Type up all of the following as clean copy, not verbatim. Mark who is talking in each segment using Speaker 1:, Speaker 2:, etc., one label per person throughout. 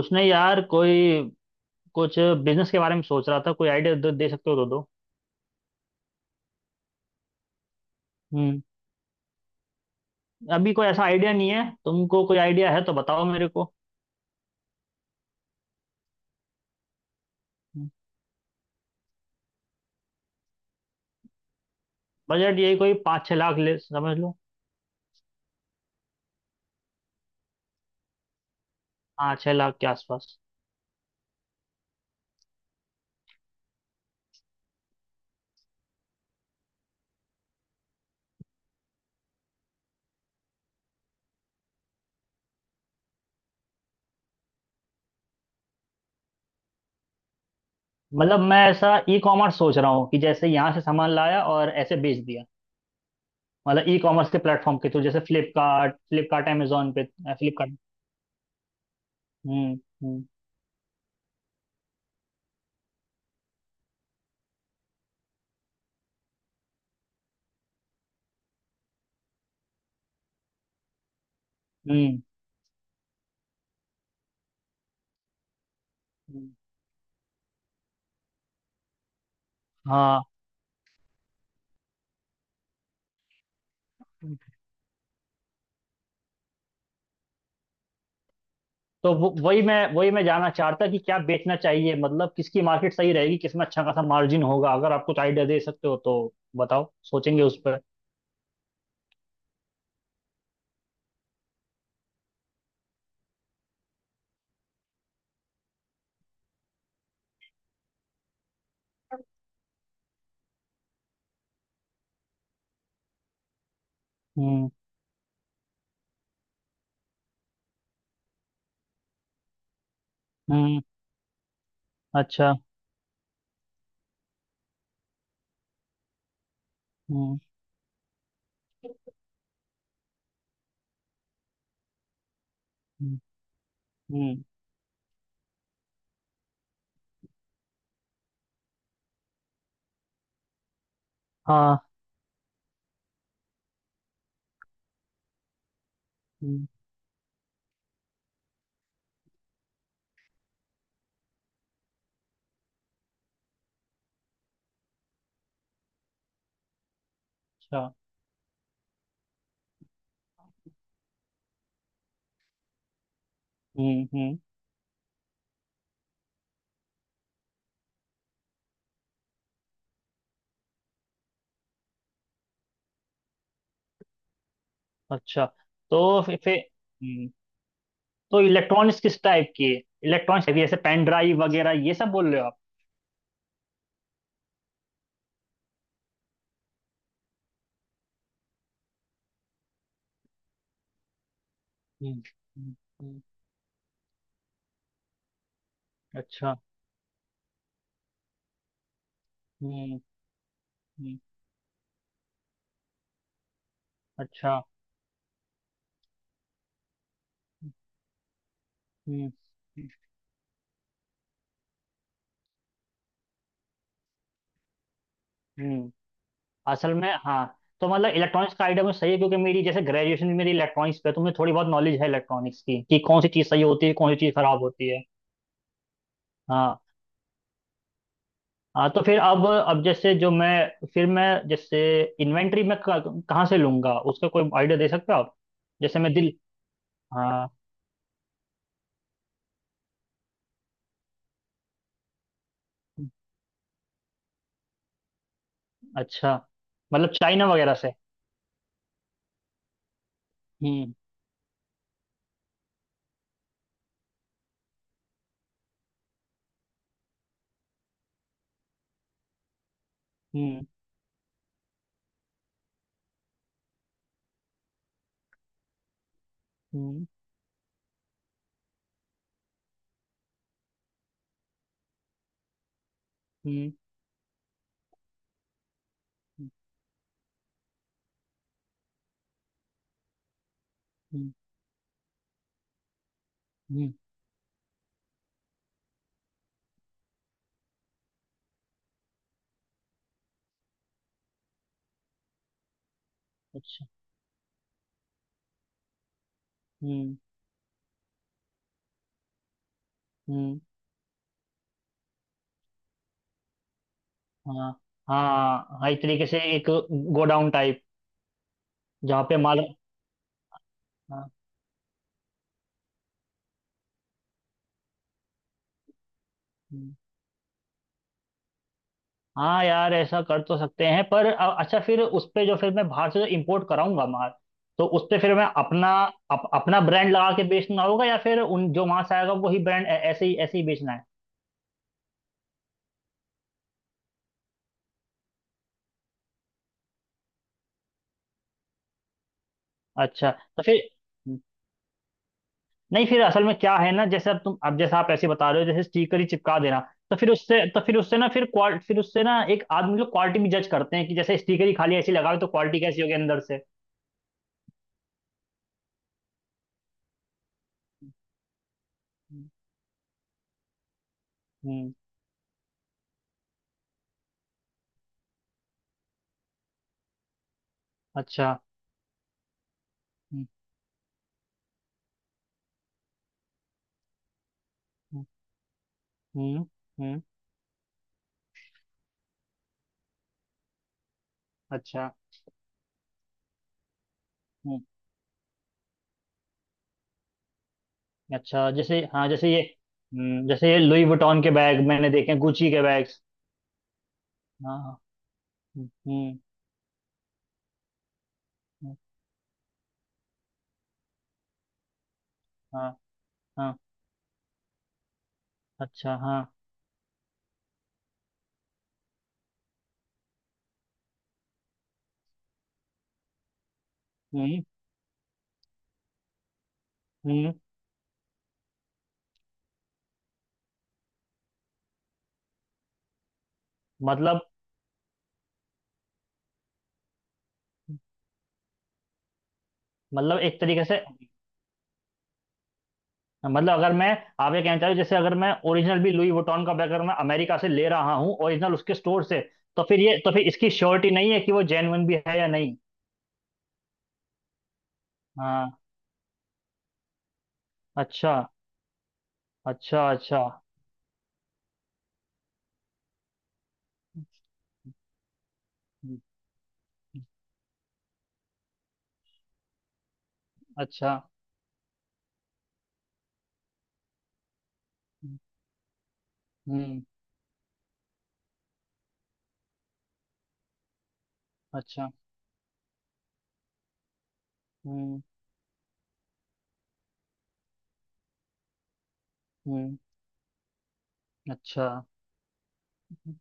Speaker 1: उसने यार कोई कुछ बिजनेस के बारे में सोच रहा था। कोई आइडिया दे सकते हो तो दो। हम्म। अभी कोई ऐसा आइडिया नहीं है, तुमको कोई आइडिया है तो बताओ मेरे को। हम्म। बजट यही कोई 5-6 लाख ले समझ लो। हाँ, 6 लाख के आसपास। मतलब मैं ऐसा ई कॉमर्स सोच रहा हूँ कि जैसे यहाँ से सामान लाया और ऐसे बेच दिया। मतलब ई कॉमर्स के प्लेटफॉर्म के थ्रू, जैसे फ्लिपकार्ट फ्लिपकार्ट अमेजोन पे। फ्लिपकार्ट। हम्म। हम्म। हम्म। हम्म, हाँ। तो वो वही मैं जानना चाहता कि क्या बेचना चाहिए, मतलब किसकी मार्केट सही रहेगी, किसमें अच्छा खासा मार्जिन होगा। अगर आप कुछ आइडिया दे सकते हो तो बताओ, सोचेंगे उस पर। हम्म। हम्म। अच्छा। हम्म। हम्म। हम्म, हाँ। हम्म, अच्छा। हम्म। हम्म। अच्छा। तो फिर। हम्म। तो इलेक्ट्रॉनिक्स किस टाइप की है? इलेक्ट्रॉनिक्स है जैसे पेन ड्राइव वगैरह, ये सब बोल रहे हो आप? हम्म। हम्म, हम्म, अच्छा। हम्म। हम्म, अच्छा। हम्म। हम्म। हम्म, असल में हाँ। तो मतलब इलेक्ट्रॉनिक्स का आइडिया मुझे सही है, क्योंकि मेरी जैसे ग्रेजुएशन भी मेरी इलेक्ट्रॉनिक्स पे है, तो मुझे थोड़ी बहुत नॉलेज है इलेक्ट्रॉनिक्स की कि कौन सी चीज़ सही होती है, कौन सी चीज़ खराब होती है। हाँ, हाँ। तो फिर अब जैसे जो मैं फिर मैं जैसे इन्वेंट्री मैं कहाँ से लूंगा, उसका कोई आइडिया दे सकते हो आप? जैसे मैं दिल। हाँ। अच्छा। मतलब चाइना वगैरह से? हम्म। हम्म। हम्म। हम्म। हम्म। हम्म, हम्म, अच्छा। हम्म। हम्म। हाँ हाँ, हाँ, एक तरीके से एक गोडाउन टाइप, जहाँ पे माल। हाँ। हम्म। हाँ यार, ऐसा कर तो सकते हैं, पर अच्छा फिर उस पे जो फिर मैं बाहर से जो इम्पोर्ट कराऊंगा माल, तो उस पे फिर मैं अपना अपना ब्रांड लगा के बेचना होगा, या फिर उन जो वहां से आएगा वही ब्रांड ऐसे ही बेचना है? अच्छा तो फिर। हम्म। नहीं, फिर असल में क्या है ना, जैसे अब तुम अब जैसे आप ऐसे बता रहे हो जैसे स्टिकर ही चिपका देना, तो फिर उससे ना फिर क्वाल फिर उससे ना एक आदमी लोग क्वालिटी भी जज करते हैं कि जैसे स्टिकर ही खाली ऐसे ही लगाओ तो क्वालिटी कैसी होगी अंदर से। हम्म। हम्म, अच्छा। हम्म। हम्म। हम्म। हम्म, अच्छा। हम्म। अच्छा जैसे हाँ, जैसे ये। जैसे ये लुई वुइटन के बैग मैंने देखे हैं, गुची के बैग्स। हाँ, हाँ। हम्म। हम्म। हाँ, हाँ। अच्छा हाँ। हम्म। हम्म। मतलब। मतलब एक तरीके से। मतलब अगर मैं आप ये कहना चाह रहे हो, जैसे अगर मैं ओरिजिनल भी लुई वुइटन का बैग अगर मैं अमेरिका से ले रहा हूँ ओरिजिनल उसके स्टोर से, तो फिर ये तो फिर इसकी श्योरिटी नहीं है कि वो जेन्युइन भी है या नहीं। हाँ। अच्छा। अच्छा। अच्छा। हम्म, अच्छा। हम्म। हम्म, अच्छा। हम्म। हम्म। अच्छा। हम्म,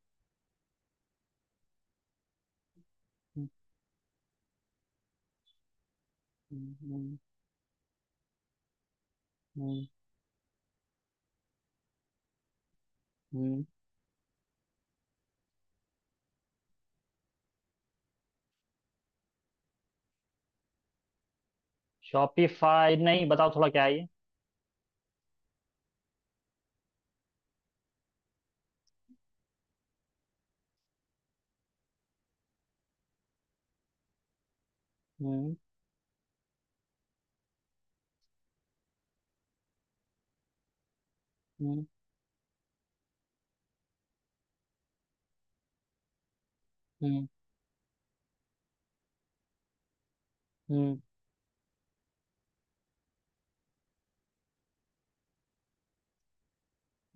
Speaker 1: हम्म, हम्म। हम्म। हम्म। शॉपिफाई? नहीं, बताओ थोड़ा, क्या है ये। हम्म। हम्म। हम्म। हम्म,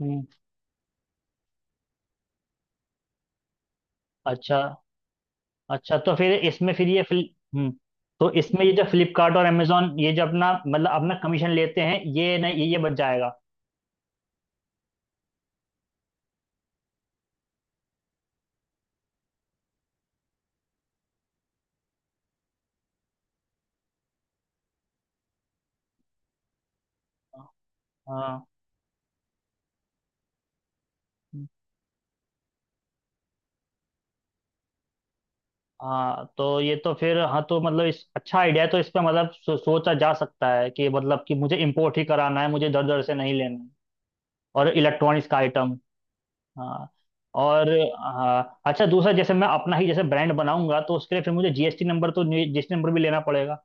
Speaker 1: हम्म। अच्छा। अच्छा तो फिर इसमें फिर ये। हम्म। तो इसमें ये जो फ्लिपकार्ट और अमेजोन ये जो अपना मतलब अपना कमीशन लेते हैं, ये नहीं, ये बच जाएगा? हाँ, हाँ। तो ये तो फिर हाँ, तो मतलब इस अच्छा आइडिया है, तो इस पे मतलब सोचा जा सकता है कि मतलब कि मुझे इम्पोर्ट ही कराना है, मुझे इधर उधर से नहीं लेना है, और इलेक्ट्रॉनिक्स का आइटम। हाँ। और। हाँ, अच्छा, दूसरा जैसे मैं अपना ही जैसे ब्रांड बनाऊंगा, तो उसके लिए फिर मुझे जीएसटी नंबर, तो जीएसटी नंबर भी लेना पड़ेगा।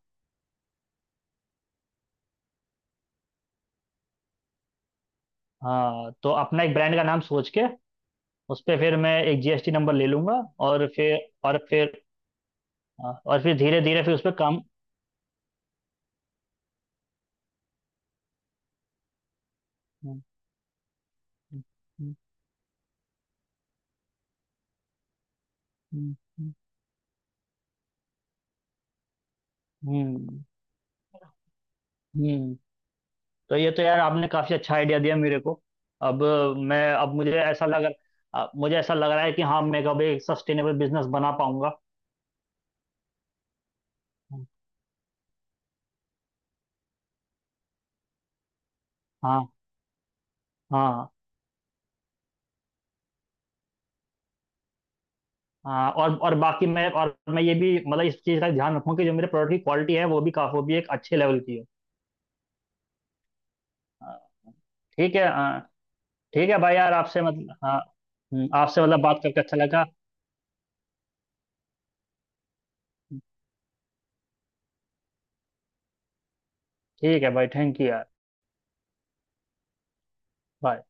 Speaker 1: हाँ, तो अपना एक ब्रांड का नाम सोच के उस पर फिर मैं एक जीएसटी नंबर ले लूंगा। और फिर। और फिर। हाँ, और फिर धीरे धीरे फिर उस पर काम। हम्म। हम्म। हम्म, हम्म। हम्म। तो ये तो यार आपने काफी अच्छा आइडिया दिया मेरे को। अब। मैं अब मुझे ऐसा लग। अब मुझे ऐसा लग रहा है कि हाँ मैं कभी एक सस्टेनेबल बिजनेस बना पाऊंगा। हाँ, हाँ, हाँ। और बाकी मैं और मैं ये भी मतलब इस चीज़ का ध्यान रखूँ कि जो मेरे प्रोडक्ट की क्वालिटी है वो भी एक अच्छे लेवल की हो। हाँ, ठीक है, हाँ। ठीक है भाई, यार आपसे मतलब हाँ। आपसे मतलब बात करके अच्छा लगा। ठीक है भाई, थैंक यू यार। बाय।